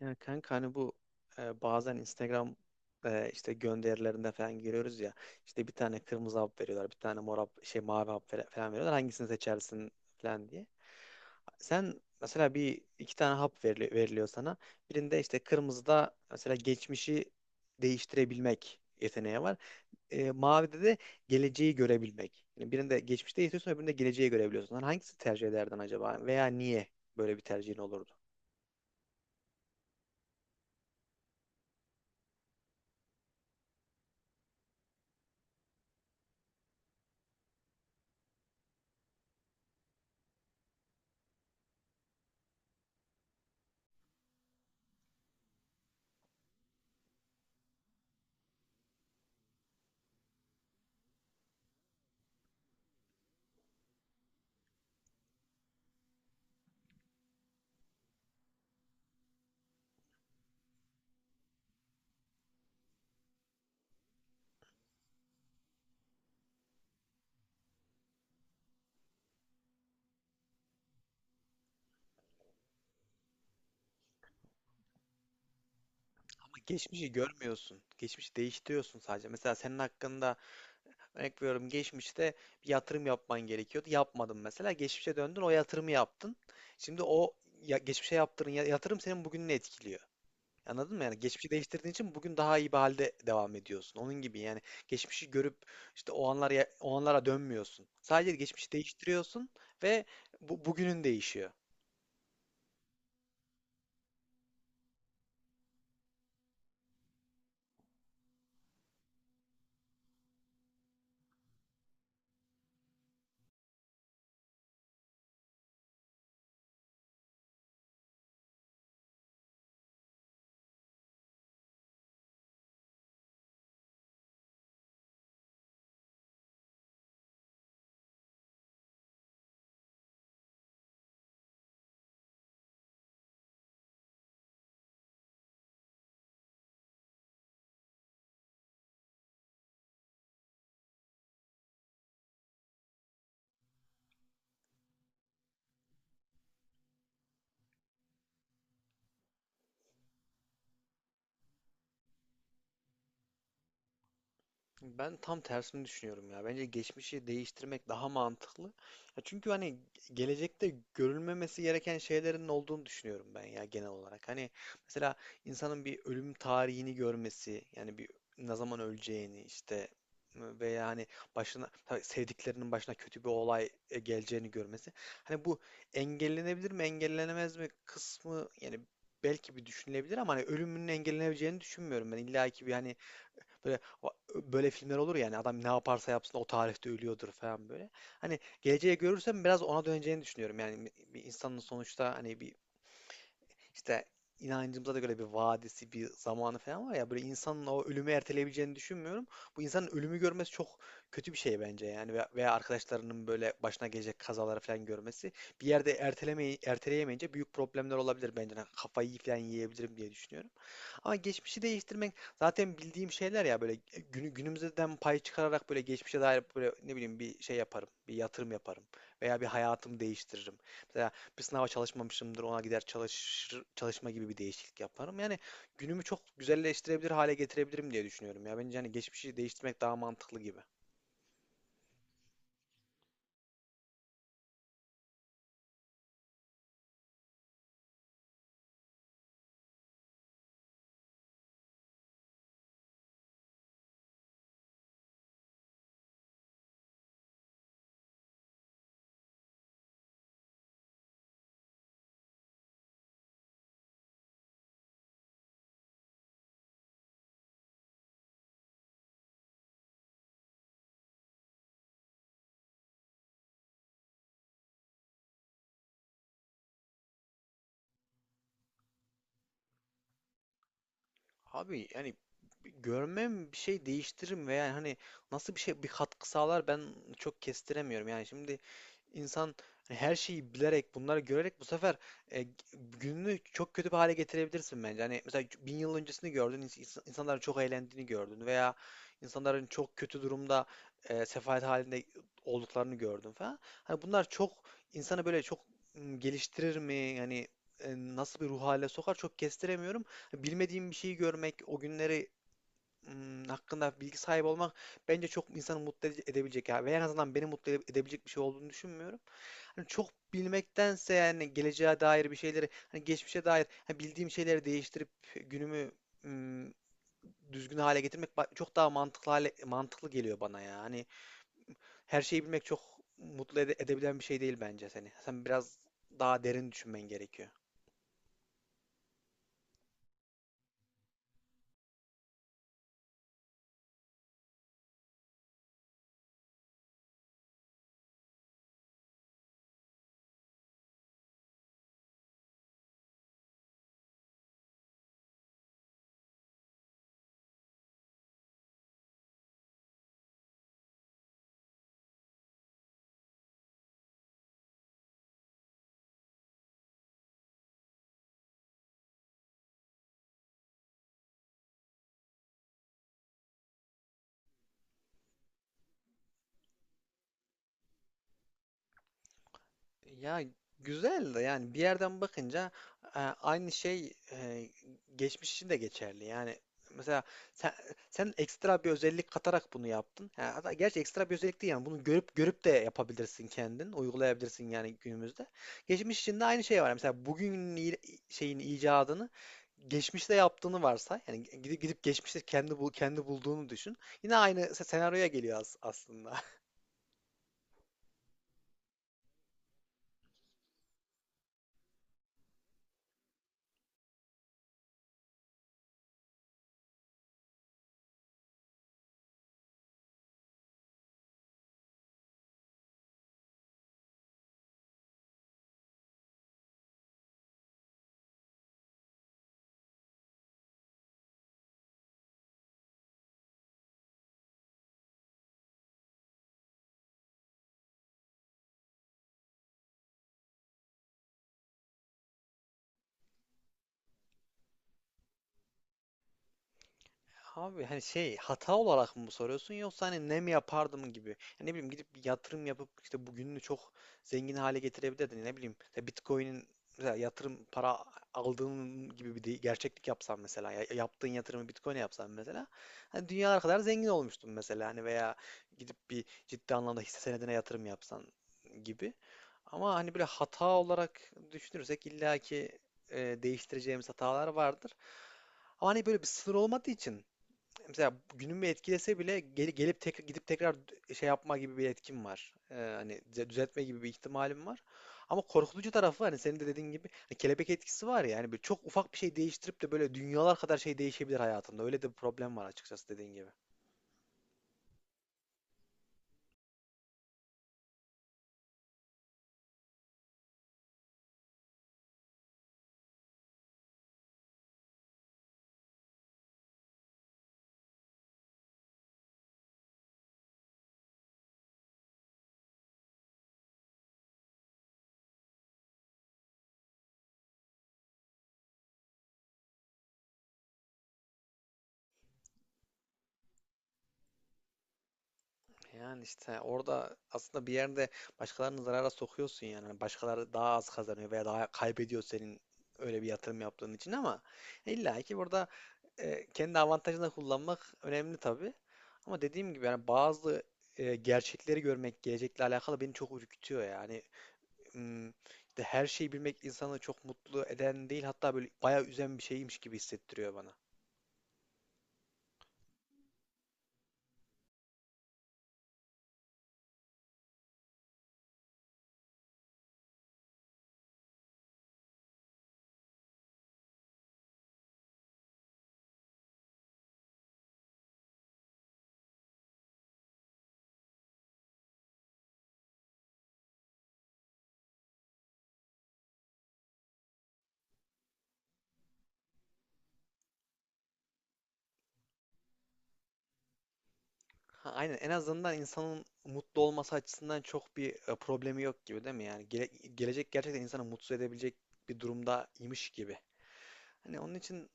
Ya kanka hani bu bazen Instagram işte gönderilerinde falan görüyoruz ya işte bir tane kırmızı hap veriyorlar, bir tane mor hap, şey, mavi hap falan veriyorlar, hangisini seçersin falan diye. Sen mesela bir iki tane hap veriliyor sana, birinde işte kırmızıda mesela geçmişi değiştirebilmek yeteneği var. Mavide de geleceği görebilmek. Yani birinde geçmişte yetiyorsun, öbüründe geleceği görebiliyorsun. Hani hangisini tercih ederdin acaba, veya niye böyle bir tercihin olurdu? Geçmişi görmüyorsun. Geçmişi değiştiriyorsun sadece. Mesela senin hakkında örnek veriyorum, geçmişte bir yatırım yapman gerekiyordu. Yapmadın mesela. Geçmişe döndün, o yatırımı yaptın. Şimdi o ya, geçmişe yaptığın yatırım senin bugününü etkiliyor. Anladın mı? Yani geçmişi değiştirdiğin için bugün daha iyi bir halde devam ediyorsun. Onun gibi yani, geçmişi görüp işte o anlara dönmüyorsun. Sadece geçmişi değiştiriyorsun ve bugünün değişiyor. Ben tam tersini düşünüyorum ya. Bence geçmişi değiştirmek daha mantıklı. Ya çünkü hani gelecekte görülmemesi gereken şeylerin olduğunu düşünüyorum ben ya, genel olarak. Hani mesela insanın bir ölüm tarihini görmesi, yani bir ne zaman öleceğini işte, veya hani başına, tabii sevdiklerinin başına kötü bir olay geleceğini görmesi. Hani bu engellenebilir mi, engellenemez mi kısmı yani belki bir düşünülebilir, ama hani ölümünün engellenebileceğini düşünmüyorum ben. İlla ki bir, hani böyle böyle filmler olur yani, adam ne yaparsa yapsın o tarihte ölüyordur falan, böyle. Hani geleceği görürsem biraz ona döneceğini düşünüyorum. Yani bir insanın sonuçta hani bir işte, inancımıza da göre bir vadisi, bir zamanı falan var ya, böyle insanın o ölümü erteleyebileceğini düşünmüyorum. Bu insanın ölümü görmesi çok kötü bir şey bence yani, veya arkadaşlarının böyle başına gelecek kazaları falan görmesi, bir yerde ertelemeyi erteleyemeyince büyük problemler olabilir bence. Yani kafayı falan yiyebilirim diye düşünüyorum. Ama geçmişi değiştirmek, zaten bildiğim şeyler ya, böyle günümüzden pay çıkararak böyle geçmişe dair, böyle ne bileyim bir şey yaparım. Bir yatırım yaparım. Veya bir hayatımı değiştiririm. Mesela bir sınava çalışmamışımdır, ona gider çalışma gibi bir değişiklik yaparım. Yani günümü çok güzelleştirebilir hale getirebilirim diye düşünüyorum ya. Bence hani geçmişi değiştirmek daha mantıklı gibi. Abi yani görmem bir şey değiştirir mi, veya hani nasıl bir şey, bir katkı sağlar, ben çok kestiremiyorum. Yani şimdi insan hani her şeyi bilerek, bunları görerek bu sefer e, gününü çok kötü bir hale getirebilirsin bence. Hani mesela 1.000 yıl öncesini gördün, insanların çok eğlendiğini gördün, veya insanların çok kötü durumda, sefalet halinde olduklarını gördün falan. Hani bunlar çok, insanı böyle çok geliştirir mi? Yani nasıl bir ruh haline sokar, çok kestiremiyorum. Bilmediğim bir şeyi görmek, o günleri hakkında bilgi sahibi olmak bence çok insanı mutlu edebilecek ya. Ve en azından beni mutlu edebilecek bir şey olduğunu düşünmüyorum. Hani çok bilmektense yani, geleceğe dair bir şeyleri, hani geçmişe dair hani bildiğim şeyleri değiştirip günümü hmm, düzgün hale getirmek çok daha mantıklı geliyor bana ya. Hani her şeyi bilmek çok mutlu edebilen bir şey değil bence seni. Sen biraz daha derin düşünmen gerekiyor. Ya güzel de yani, bir yerden bakınca aynı şey geçmiş için de geçerli. Yani mesela sen, sen ekstra bir özellik katarak bunu yaptın. Ha, hatta gerçi ekstra bir özellik değil yani, bunu görüp görüp de yapabilirsin kendin, uygulayabilirsin yani günümüzde. Geçmiş için de aynı şey var. Mesela şeyin icadını geçmişte yaptığını varsay. Yani gidip gidip geçmişte kendi bulduğunu düşün. Yine aynı senaryoya geliyor aslında. Abi hani şey, hata olarak mı soruyorsun, yoksa hani ne mi yapardım gibi. Yani ne bileyim, gidip bir yatırım yapıp işte bugününü çok zengin hale getirebilirdin. Ne bileyim ya, Bitcoin'in mesela yatırım para aldığın gibi bir gerçeklik yapsam mesela, yaptığın yatırımı Bitcoin'e yapsam mesela, hani dünyalar kadar zengin olmuştun mesela, hani veya gidip bir ciddi anlamda hisse senedine yatırım yapsan gibi. Ama hani böyle hata olarak düşünürsek illaki e, değiştireceğimiz hatalar vardır. Ama hani böyle bir sınır olmadığı için, mesela günümü etkilese bile gelip gidip tekrar şey yapma gibi bir etkim var. Hani düzeltme gibi bir ihtimalim var. Ama korkutucu tarafı, hani senin de dediğin gibi hani kelebek etkisi var ya. Yani böyle çok ufak bir şey değiştirip de böyle dünyalar kadar şey değişebilir hayatında. Öyle de bir problem var açıkçası, dediğin gibi. Yani işte orada aslında bir yerde başkalarını zarara sokuyorsun yani. Hani başkaları daha az kazanıyor veya daha kaybediyor senin öyle bir yatırım yaptığın için, ama illa ki burada kendi avantajını kullanmak önemli tabii. Ama dediğim gibi yani, bazı gerçekleri görmek, gelecekle alakalı beni çok ürkütüyor yani. Hmm, işte her şeyi bilmek insanı çok mutlu eden değil, hatta böyle bayağı üzen bir şeymiş gibi hissettiriyor bana. Ha, aynen, en azından insanın mutlu olması açısından çok bir problemi yok gibi, değil mi? Yani gelecek gerçekten insanı mutsuz edebilecek bir durumdaymış gibi. Hani onun için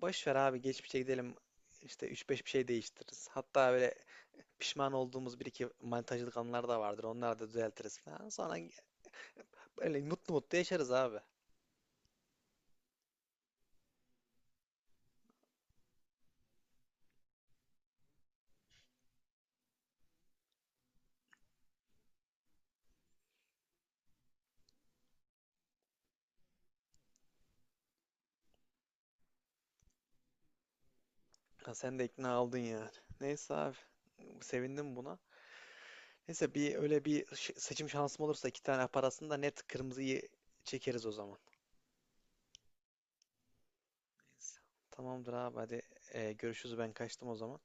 boş ver abi, geçmişe gidelim, işte üç beş bir şey değiştiririz. Hatta böyle pişman olduğumuz bir iki manitacılık anlar da vardır. Onları da düzeltiriz falan. Sonra böyle mutlu mutlu yaşarız abi. Ha, sen de ikna oldun yani. Neyse abi, sevindim buna. Neyse, bir öyle bir seçim şansım olursa, iki tane parasını da net kırmızıyı çekeriz o zaman. Neyse. Tamamdır abi, hadi görüşürüz, ben kaçtım o zaman.